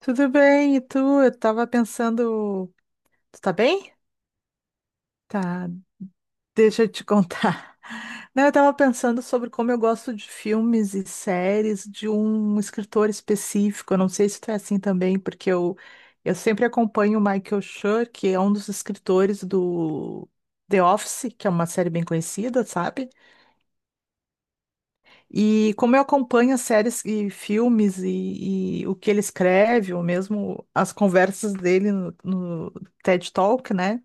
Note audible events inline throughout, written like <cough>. Tudo bem, e tu? Eu tava pensando. Tu tá bem? Tá, deixa eu te contar. <laughs> Não, eu tava pensando sobre como eu gosto de filmes e séries de um escritor específico. Eu não sei se tu é assim também, porque eu sempre acompanho o Michael Schur, que é um dos escritores do The Office, que é uma série bem conhecida, sabe? E como eu acompanho séries e filmes e o que ele escreve, ou mesmo as conversas dele no TED Talk, né?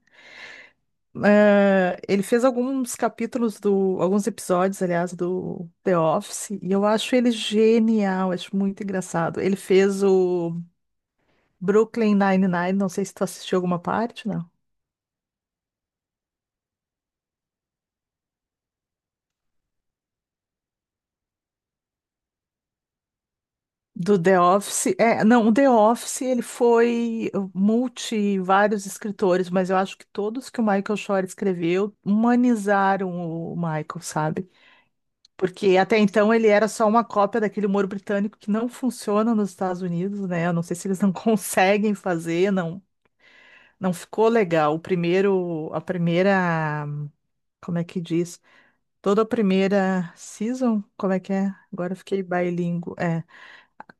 Ele fez alguns capítulos do, alguns episódios, aliás, do The Office, e eu acho ele genial, acho muito engraçado. Ele fez o Brooklyn Nine-Nine, não sei se tu assistiu alguma parte, né? Do The Office. É, não, o The Office ele foi multi vários escritores, mas eu acho que todos que o Michael Shore escreveu humanizaram o Michael, sabe? Porque até então ele era só uma cópia daquele humor britânico que não funciona nos Estados Unidos, né? Eu não sei se eles não <laughs> conseguem fazer, não, não ficou legal. O primeiro, a primeira, como é que diz? Toda a primeira season, como é que é? Agora eu fiquei bilíngue. É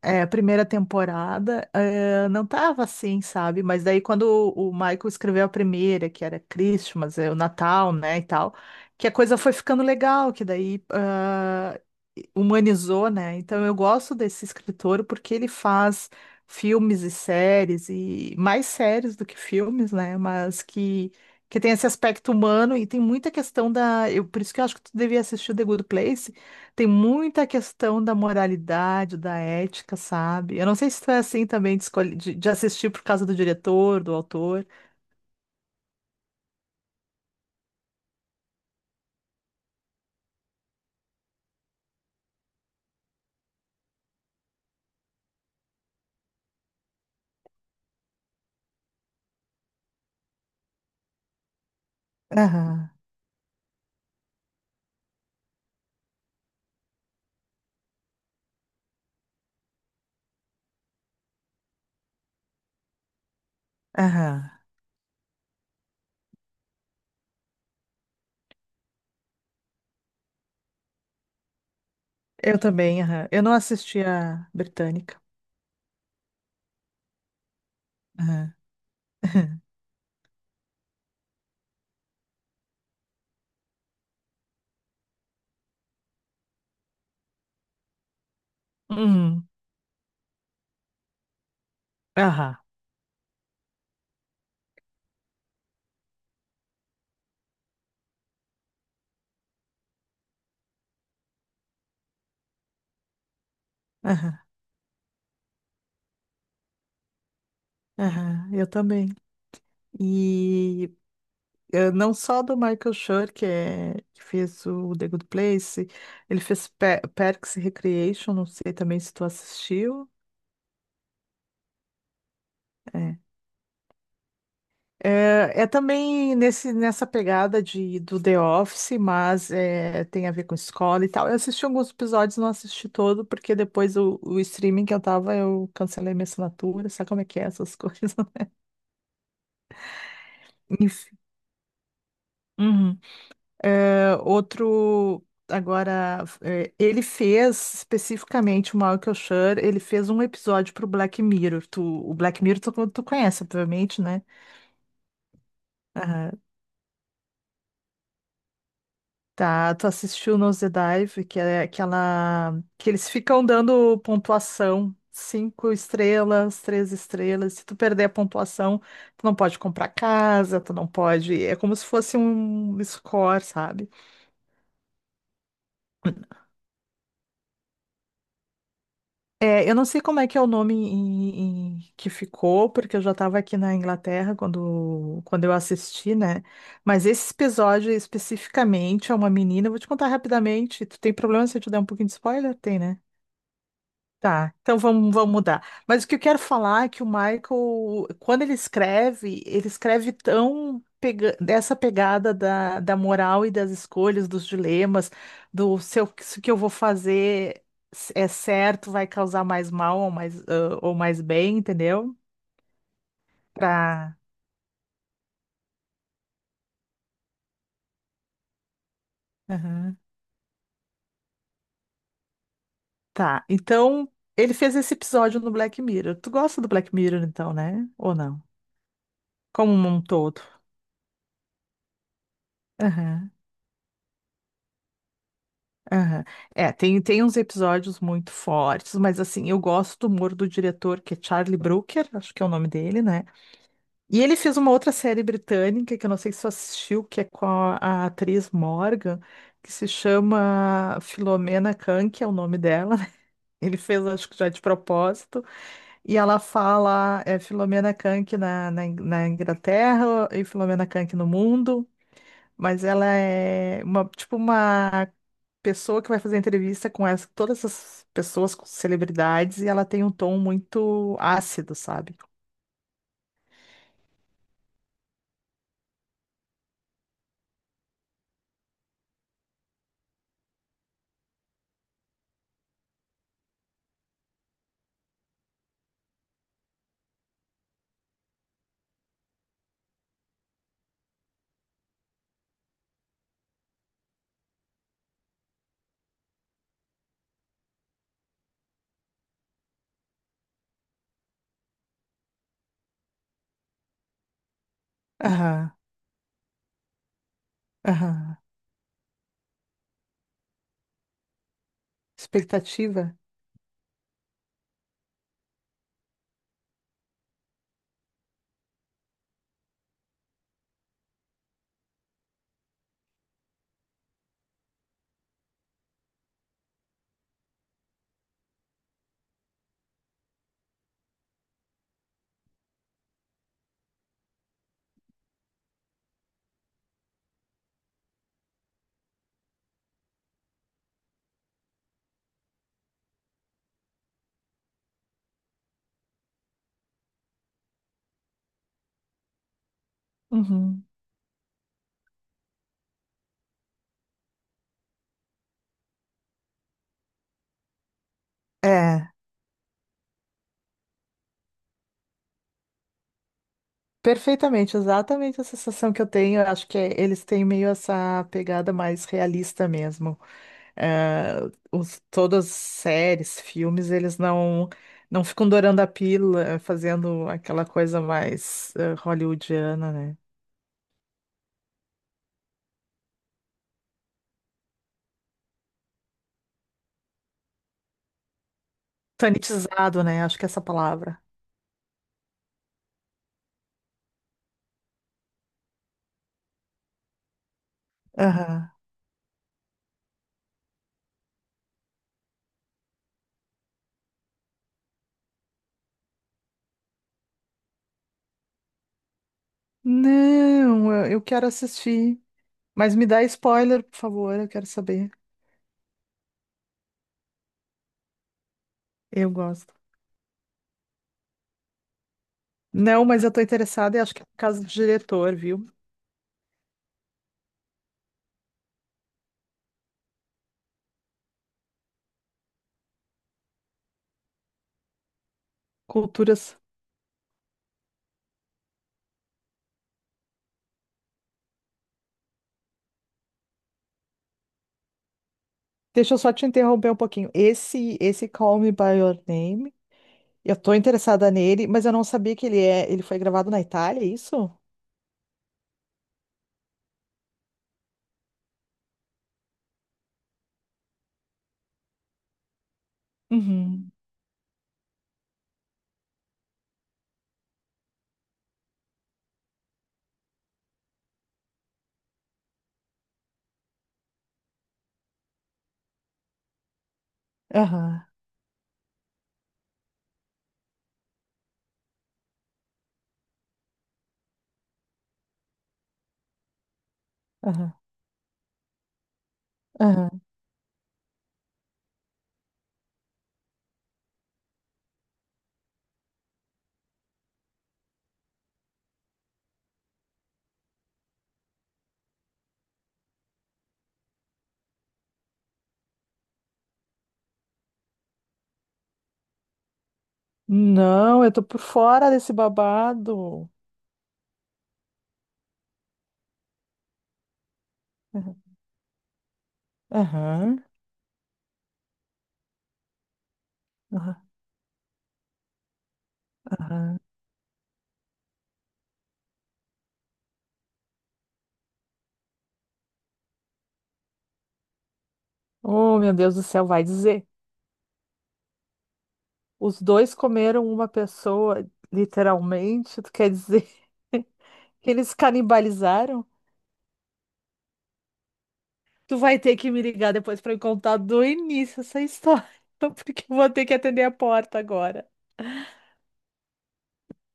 é, a primeira temporada, é, não tava assim, sabe? Mas daí quando o Michael escreveu a primeira, que era Christmas, é, o Natal, né, e tal, que a coisa foi ficando legal, que daí ah, humanizou, né? Então eu gosto desse escritor porque ele faz filmes e séries, e mais séries do que filmes, né? Mas que tem esse aspecto humano e tem muita questão da... Eu, por isso que eu acho que tu devia assistir o The Good Place, tem muita questão da moralidade, da ética, sabe? Eu não sei se tu é assim também de, de assistir por causa do diretor, do autor. Aham, aham. Eu também, aham. Eu não assisti a britânica. Aham. <laughs> Uhum. Aham, aham, aham, eu também. E não só do Michael Schur, que, é, que fez o The Good Place, ele fez Parks and Recreation, não sei também se tu assistiu. É. É, é também nessa pegada de, do The Office, mas é, tem a ver com escola e tal. Eu assisti alguns episódios, não assisti todo, porque depois o streaming que eu tava, eu cancelei minha assinatura, sabe como é que é essas coisas? <laughs> Enfim. Uhum. É, outro, agora, é, ele fez especificamente o Michael Schur, ele fez um episódio pro Black Mirror. O Black Mirror tu conhece, obviamente, né? Aham. Tá, tu assistiu Nose Dive, que é aquela que eles ficam dando pontuação, cinco estrelas, três estrelas. Se tu perder a pontuação, tu não pode comprar casa, tu não pode. É como se fosse um score, sabe? É, eu não sei como é que é o nome que ficou, porque eu já estava aqui na Inglaterra quando eu assisti, né? Mas esse episódio especificamente é uma menina. Eu vou te contar rapidamente. Tu tem problema se eu te der um pouquinho de spoiler? Tem, né? Tá, então vamos mudar. Mas o que eu quero falar é que o Michael, quando ele escreve tão pega dessa pegada da moral e das escolhas, dos dilemas, do se o que eu vou fazer é certo, vai causar mais mal ou mais, ah, ou mais bem, entendeu? Pra... Aham. Tá, então ele fez esse episódio no Black Mirror. Tu gosta do Black Mirror, então, né? Ou não? Como um todo. Aham. É, tem, tem uns episódios muito fortes, mas assim, eu gosto do humor do diretor, que é Charlie Brooker, acho que é o nome dele, né? E ele fez uma outra série britânica, que eu não sei se você assistiu, que é com a atriz Morgan, que se chama Filomena Khan, que é o nome dela, né? <laughs> Ele fez, acho que já de propósito, e ela fala é, Filomena Khan na Inglaterra e Filomena Khan no mundo. Mas ela é uma, tipo uma pessoa que vai fazer entrevista com todas essas pessoas, com celebridades, e ela tem um tom muito ácido, sabe? Aham, aham. Expectativa? Uhum. É, perfeitamente, exatamente a sensação que eu tenho. Eu acho que eles têm meio essa pegada mais realista mesmo. Todas as séries, filmes, eles não ficam dourando a pílula, fazendo aquela coisa mais hollywoodiana, né? Sanitizado, né? Acho que é essa palavra. Aham. Não, eu quero assistir. Mas me dá spoiler, por favor, eu quero saber. Eu gosto. Não, mas eu tô interessada e acho que é por causa do diretor, viu? Culturas. Deixa eu só te interromper um pouquinho. Esse Call Me By Your Name. Eu tô interessada nele, mas eu não sabia que ele é. Ele foi gravado na Itália, é isso? Uhum. Aham. Aham. Aham. Não, eu tô por fora desse babado. Aham. Aham. Aham. Aham. Oh, meu Deus do céu, vai dizer. Os dois comeram uma pessoa, literalmente. Tu quer dizer <laughs> que eles canibalizaram? Tu vai ter que me ligar depois pra me contar do início essa história, <laughs> porque eu vou ter que atender a porta agora.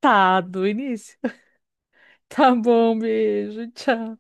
Tá, do início. Tá bom, beijo, tchau.